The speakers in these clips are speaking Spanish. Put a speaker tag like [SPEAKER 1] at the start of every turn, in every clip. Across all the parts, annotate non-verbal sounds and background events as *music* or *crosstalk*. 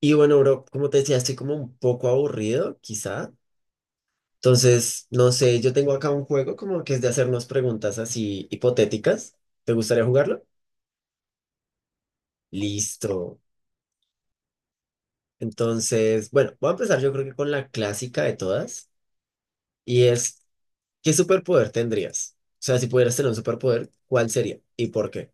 [SPEAKER 1] Y bueno, bro, como te decía, estoy como un poco aburrido, quizá. Entonces, no sé, yo tengo acá un juego como que es de hacernos preguntas así hipotéticas. ¿Te gustaría jugarlo? Listo. Entonces, bueno, voy a empezar yo creo que con la clásica de todas. Y es, ¿qué superpoder tendrías? O sea, si pudieras tener un superpoder, ¿cuál sería y por qué?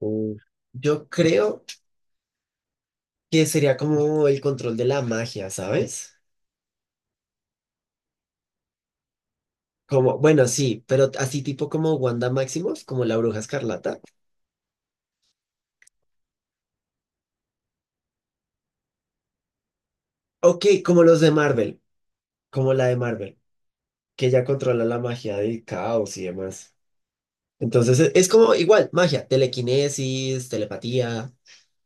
[SPEAKER 1] Uh, Yo creo que sería como el control de la magia, ¿sabes? Como, bueno, sí, pero así tipo como Wanda Maximoff, como la Bruja Escarlata. Ok, como los de Marvel, como la de Marvel, que ella controla la magia del caos y demás. Entonces es como igual, magia, telequinesis, telepatía,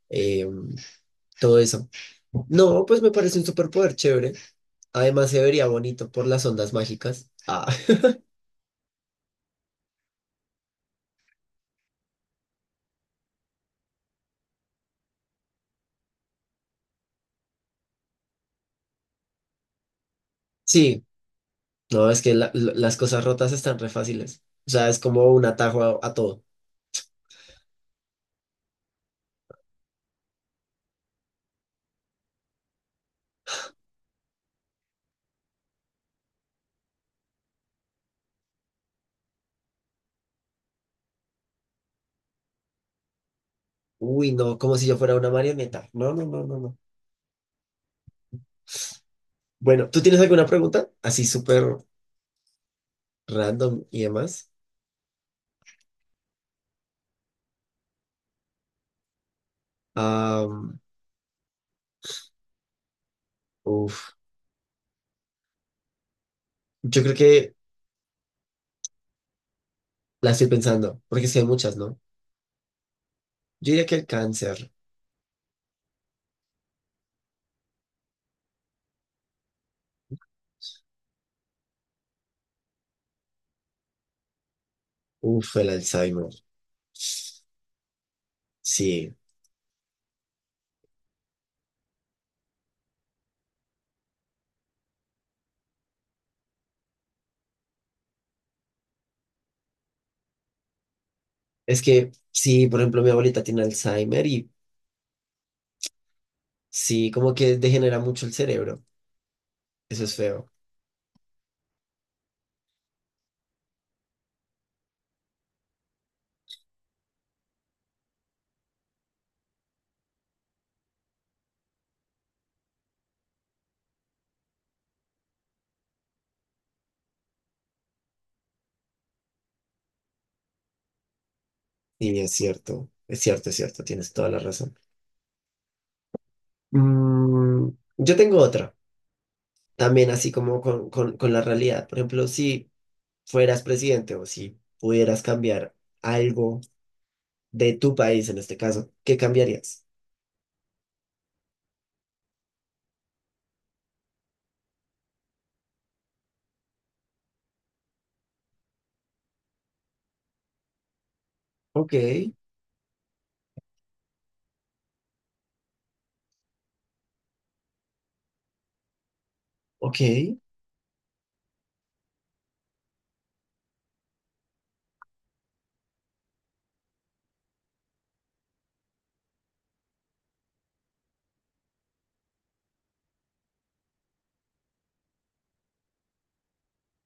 [SPEAKER 1] eh, todo eso. No, pues me parece un superpoder chévere. Además se vería bonito por las ondas mágicas. Ah, *laughs* sí, no, es que las cosas rotas están re fáciles. O sea, es como un atajo a todo. Uy, no, como si yo fuera una marioneta. No, no, no, no, no. Bueno, ¿tú tienes alguna pregunta? Así súper random y demás. Uf, yo creo que la estoy pensando, porque sí hay muchas, ¿no? Yo diría que el cáncer, uf, el Alzheimer. Sí, es que sí, por ejemplo, mi abuelita tiene Alzheimer y sí, como que degenera mucho el cerebro. Eso es feo. Y es cierto, es cierto, es cierto, tienes toda la razón. Mm, yo tengo otra, también así como con la realidad. Por ejemplo, si fueras presidente o si pudieras cambiar algo de tu país, en este caso, ¿qué cambiarías? Ok. Ok.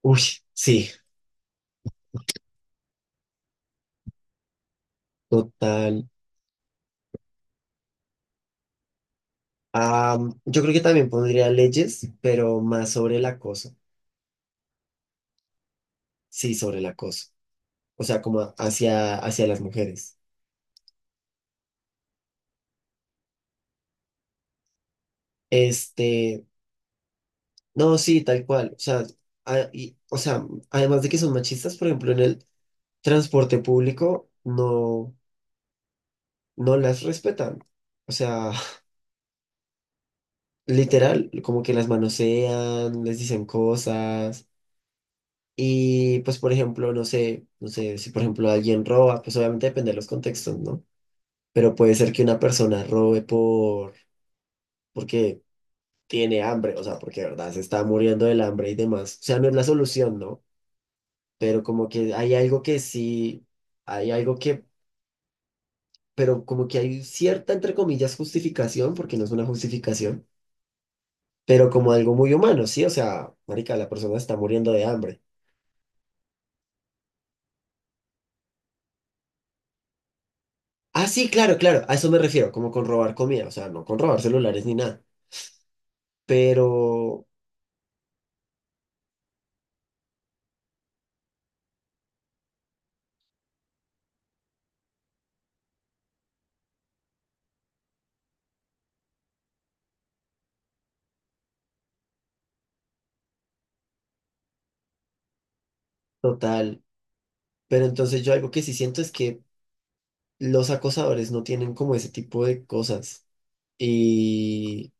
[SPEAKER 1] Uy, sí, total. Am, yo creo que también pondría leyes, pero más sobre el acoso. Sí, sobre el acoso. O sea, como hacia, hacia las mujeres. Este, no, sí, tal cual. O sea, o sea, además de que son machistas, por ejemplo, en el transporte público no, no las respetan. O sea, *laughs* literal, como que las manosean, les dicen cosas. Y pues, por ejemplo, no sé, no sé, si por ejemplo alguien roba, pues obviamente depende de los contextos, ¿no? Pero puede ser que una persona robe por, porque tiene hambre, o sea, porque de verdad se está muriendo del hambre y demás. O sea, no es la solución, ¿no? Pero como que hay algo que sí, hay algo que, pero como que hay cierta, entre comillas, justificación, porque no es una justificación, pero como algo muy humano, ¿sí? O sea, marica, la persona está muriendo de hambre. Ah, sí, claro, claro, a eso me refiero, como con robar comida, o sea, no con robar celulares ni nada. Pero, total. Pero entonces yo algo que sí siento es que los acosadores no tienen como ese tipo de cosas. Y,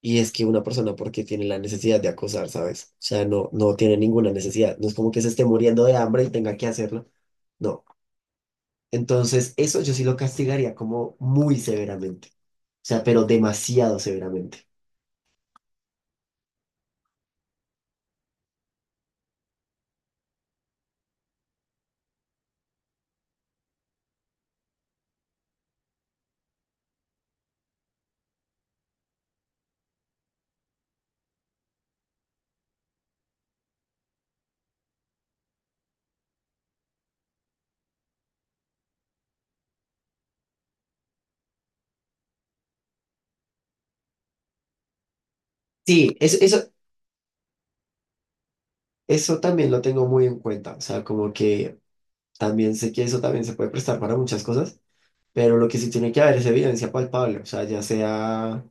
[SPEAKER 1] y es que una persona porque tiene la necesidad de acosar, ¿sabes? O sea, no, no tiene ninguna necesidad. No es como que se esté muriendo de hambre y tenga que hacerlo. No. Entonces, eso yo sí lo castigaría como muy severamente. O sea, pero demasiado severamente. Sí, eso también lo tengo muy en cuenta. O sea, como que también sé que eso también se puede prestar para muchas cosas. Pero lo que sí tiene que haber es evidencia palpable, o sea, ya sea,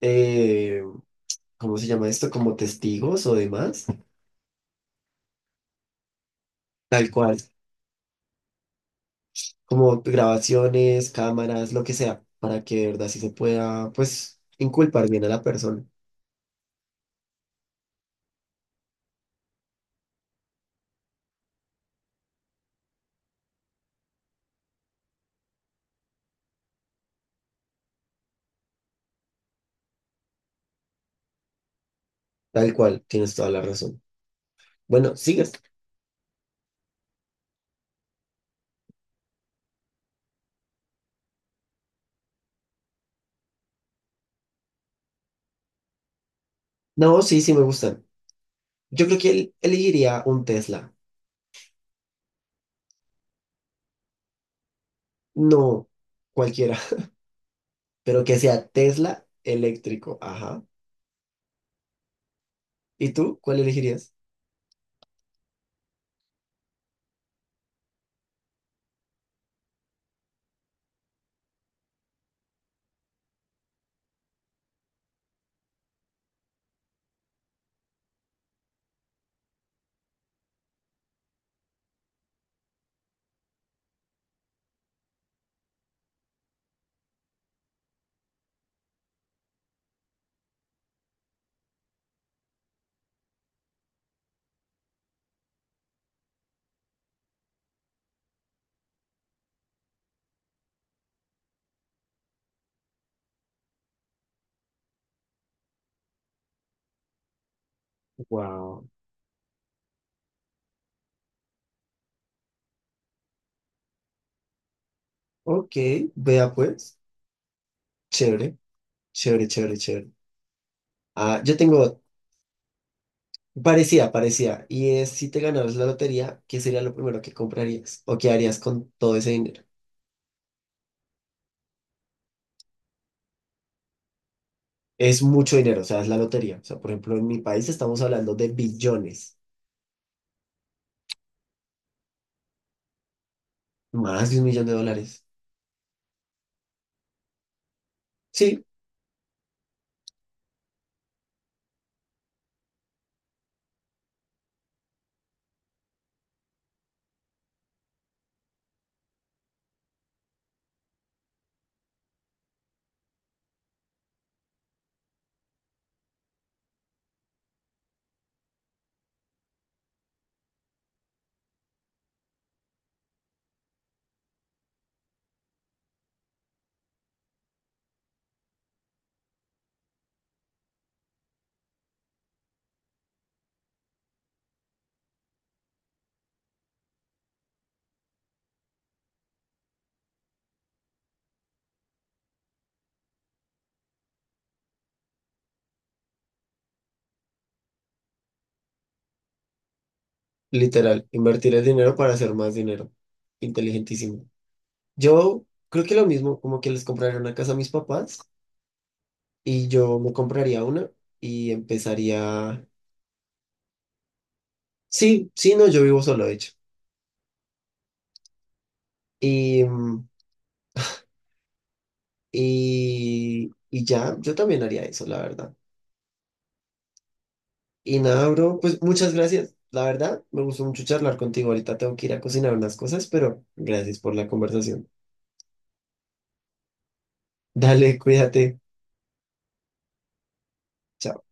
[SPEAKER 1] eh, ¿cómo se llama esto? Como testigos o demás, tal cual, como grabaciones, cámaras, lo que sea, para que de verdad sí se pueda, pues, inculpar bien a la persona, tal cual, tienes toda la razón. Bueno, sigues. No, sí, sí me gustan. Yo creo que él elegiría un Tesla, no cualquiera, *laughs* pero que sea Tesla eléctrico, ajá. ¿Y tú cuál elegirías? Wow. Ok, vea pues, chévere. Chévere, chévere, chévere. Ah, yo tengo parecía, parecía. Y es si te ganaras la lotería, ¿qué sería lo primero que comprarías o qué harías con todo ese dinero? Es mucho dinero, o sea, es la lotería. O sea, por ejemplo, en mi país estamos hablando de billones, más de 1 millón de dólares. Sí, literal, invertir el dinero para hacer más dinero. Inteligentísimo. Yo creo que lo mismo, como que les compraría una casa a mis papás y yo me compraría una y empezaría... Sí, sí, no, yo vivo solo, de hecho. y mm, y ya, yo también haría eso, la verdad. Y nada, bro, pues muchas gracias. La verdad, me gustó mucho charlar contigo. Ahorita tengo que ir a cocinar unas cosas, pero gracias por la conversación. Dale, cuídate. Chao.